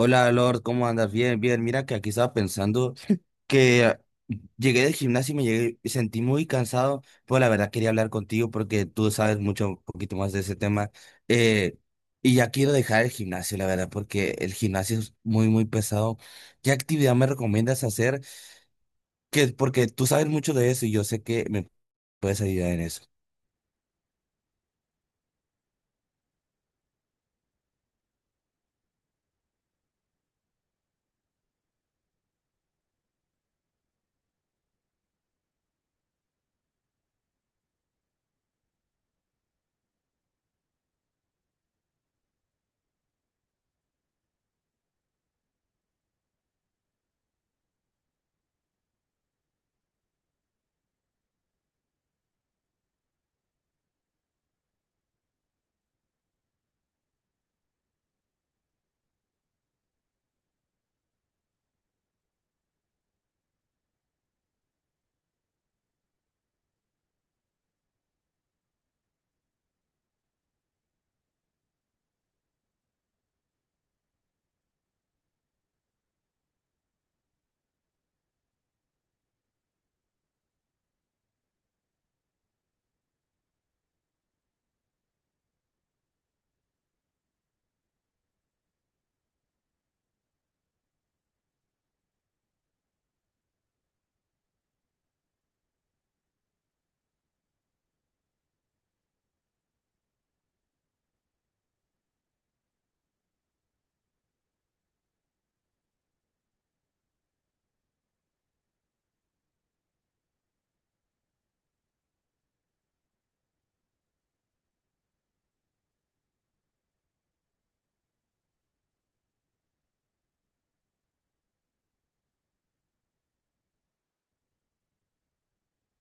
Hola Lord, ¿cómo andas? Bien, bien. Mira que aquí estaba pensando que llegué del gimnasio y sentí muy cansado, pero la verdad quería hablar contigo porque tú sabes mucho, un poquito más de ese tema. Eh, y ya quiero dejar el gimnasio, la verdad, porque el gimnasio es muy, muy pesado. ¿Qué actividad me recomiendas hacer? Porque tú sabes mucho de eso y yo sé que me puedes ayudar en eso.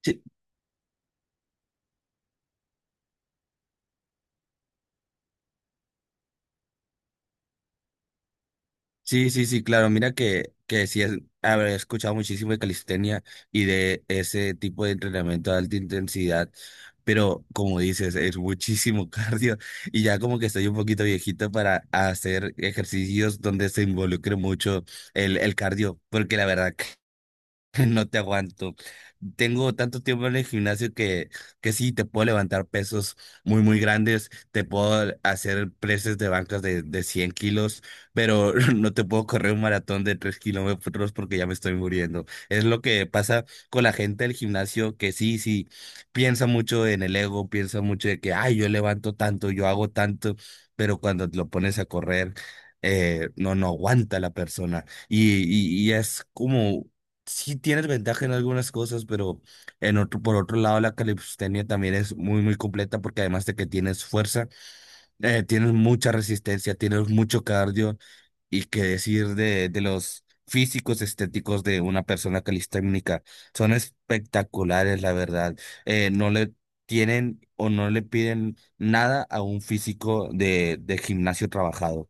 Sí, sí, sí, sí, claro. Mira que sí, es, haber escuchado muchísimo de calistenia y de ese tipo de entrenamiento de alta intensidad, pero como dices, es muchísimo cardio, y ya como que estoy un poquito viejito para hacer ejercicios donde se involucre mucho el cardio, porque la verdad no te aguanto. Tengo tanto tiempo en el gimnasio que sí, te puedo levantar pesos muy, muy grandes, te puedo hacer presses de bancas de 100 kilos, pero no te puedo correr un maratón de 3 kilómetros porque ya me estoy muriendo. Es lo que pasa con la gente del gimnasio que sí, sí, piensa mucho en el ego, piensa mucho de que, ay, yo levanto tanto, yo hago tanto, pero cuando lo pones a correr, no, no aguanta la persona. Y es como sí tienes ventaja en algunas cosas, pero por otro lado, la calistenia también es muy, muy completa porque además de que tienes fuerza, tienes mucha resistencia, tienes mucho cardio. Y qué decir de los físicos estéticos de una persona calisténica. Son espectaculares, la verdad. No le tienen o no le piden nada a un físico de gimnasio trabajado.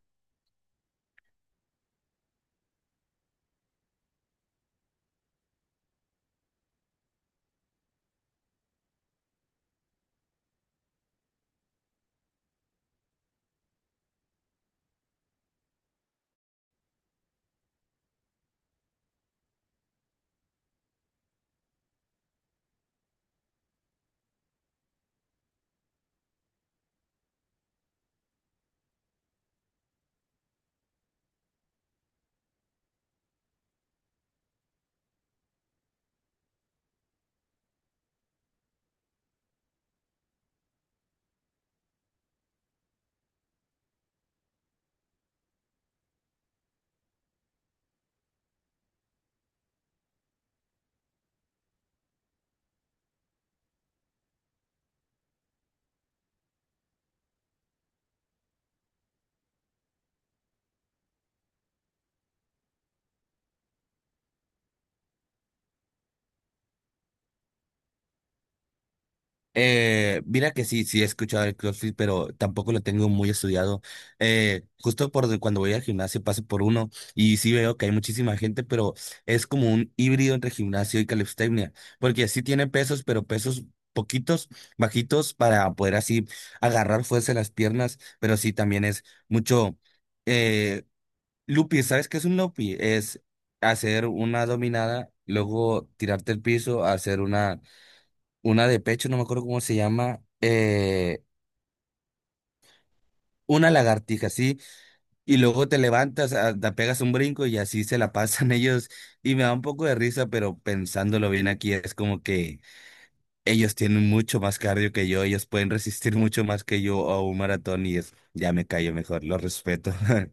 Mira que sí, sí he escuchado el CrossFit, pero tampoco lo tengo muy estudiado. Justo cuando voy al gimnasio paso por uno y sí veo que hay muchísima gente, pero es como un híbrido entre gimnasio y calistenia, porque sí tiene pesos, pero pesos poquitos, bajitos para poder así agarrar fuerza en las piernas, pero sí también es mucho eh, looping. ¿Sabes qué es un looping? Es hacer una dominada, luego tirarte al piso, hacer una de pecho, no me acuerdo cómo se llama, una lagartija, sí, y luego te levantas, te pegas un brinco y así se la pasan ellos, y me da un poco de risa, pero pensándolo bien aquí es como que ellos tienen mucho más cardio que yo, ellos pueden resistir mucho más que yo a un maratón. Y es, ya me callo mejor, lo respeto.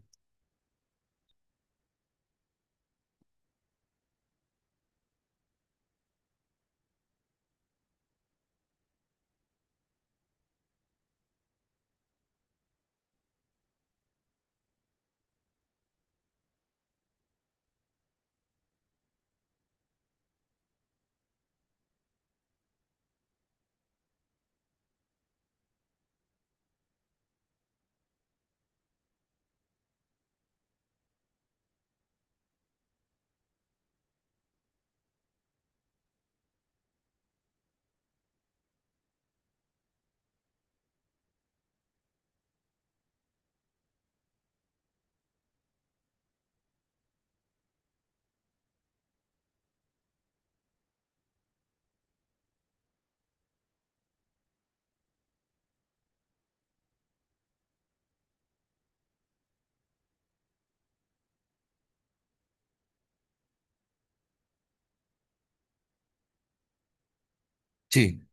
Sí,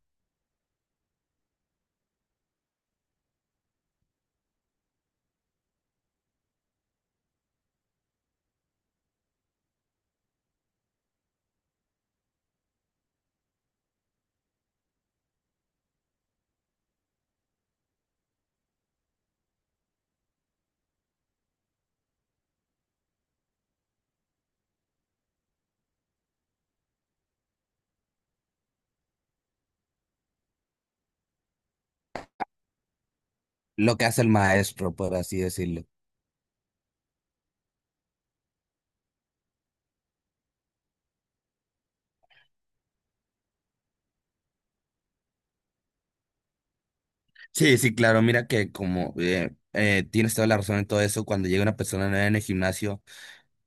lo que hace el maestro, por así decirlo. Sí, sí, claro, mira que como tienes toda la razón en todo eso. Cuando llega una persona nueva en el gimnasio,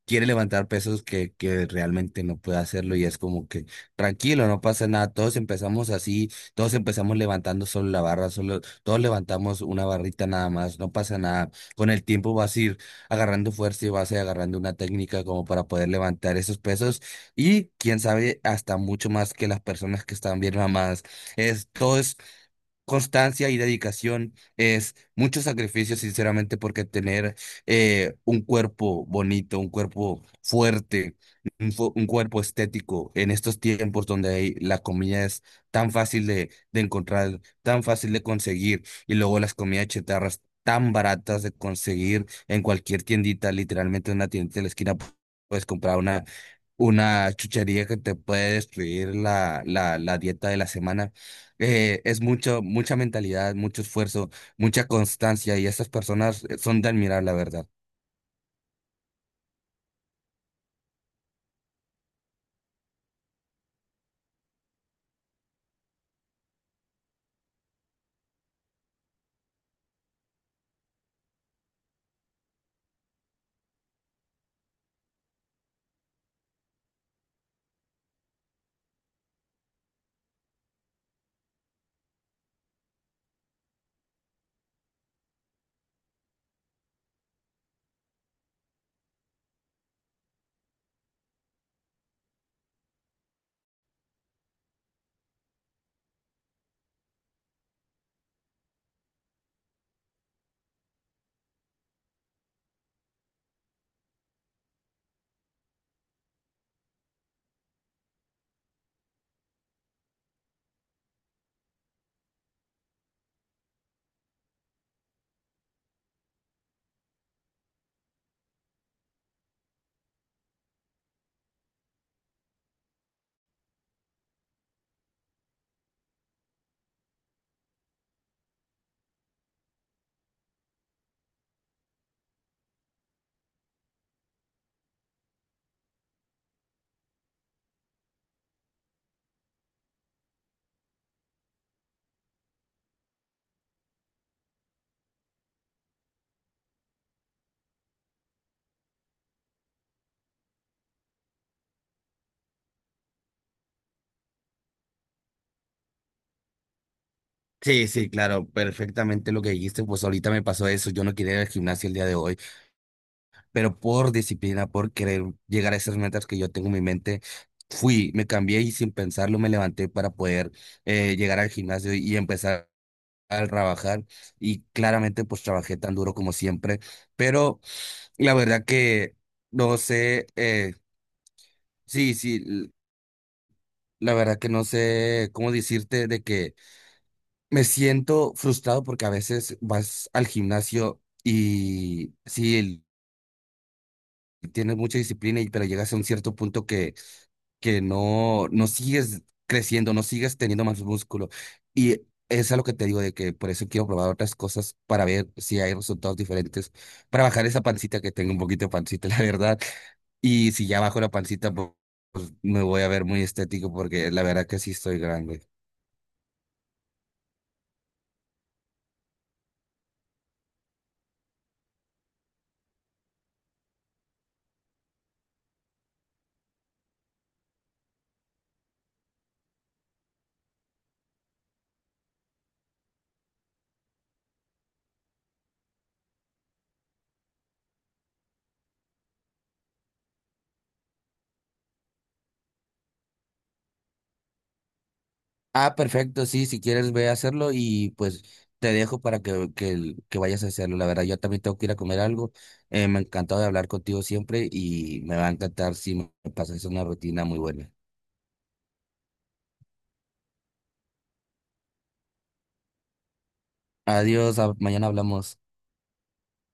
quiere levantar pesos que realmente no puede hacerlo y es como que tranquilo, no pasa nada, todos empezamos así, todos empezamos levantando solo la barra, solo, todos levantamos una barrita nada más, no pasa nada, con el tiempo vas a ir agarrando fuerza y vas a ir agarrando una técnica como para poder levantar esos pesos, y quién sabe hasta mucho más que las personas que están bien mamadas. Es todo constancia y dedicación, es mucho sacrificio, sinceramente, porque tener un cuerpo bonito, un cuerpo fuerte, un cuerpo estético en estos tiempos donde la comida es tan fácil de encontrar, tan fácil de conseguir, y luego las comidas chetarras tan baratas de conseguir en cualquier tiendita, literalmente en una tiendita de la esquina, puedes comprar una chuchería que te puede destruir la dieta de la semana. Eh, es mucho, mucha mentalidad, mucho esfuerzo, mucha constancia, y esas personas son de admirar, la verdad. Sí, sí, claro, perfectamente lo que dijiste, pues ahorita me pasó eso, yo no quería ir al gimnasio el día de hoy, pero por disciplina, por querer llegar a esas metas que yo tengo en mi mente, fui, me cambié y sin pensarlo me levanté para poder llegar al gimnasio y empezar a trabajar, y claramente pues trabajé tan duro como siempre, pero la verdad que no sé, sí, sí, la verdad que no sé cómo decirte de que me siento frustrado porque a veces vas al gimnasio y sí, tienes mucha disciplina, pero llegas a un cierto punto que no, no sigues creciendo, no sigues teniendo más músculo. Y es a lo que te digo, de que por eso quiero probar otras cosas para ver si hay resultados diferentes, para bajar esa pancita, que tengo un poquito de pancita, la verdad. Y si ya bajo la pancita, pues me voy a ver muy estético porque la verdad que sí estoy grande. Ah, perfecto, sí, si quieres ve a hacerlo y pues te dejo para que vayas a hacerlo. La verdad, yo también tengo que ir a comer algo. Me ha encantado de hablar contigo siempre, y me va a encantar si me pasas una rutina muy buena. Adiós, mañana hablamos.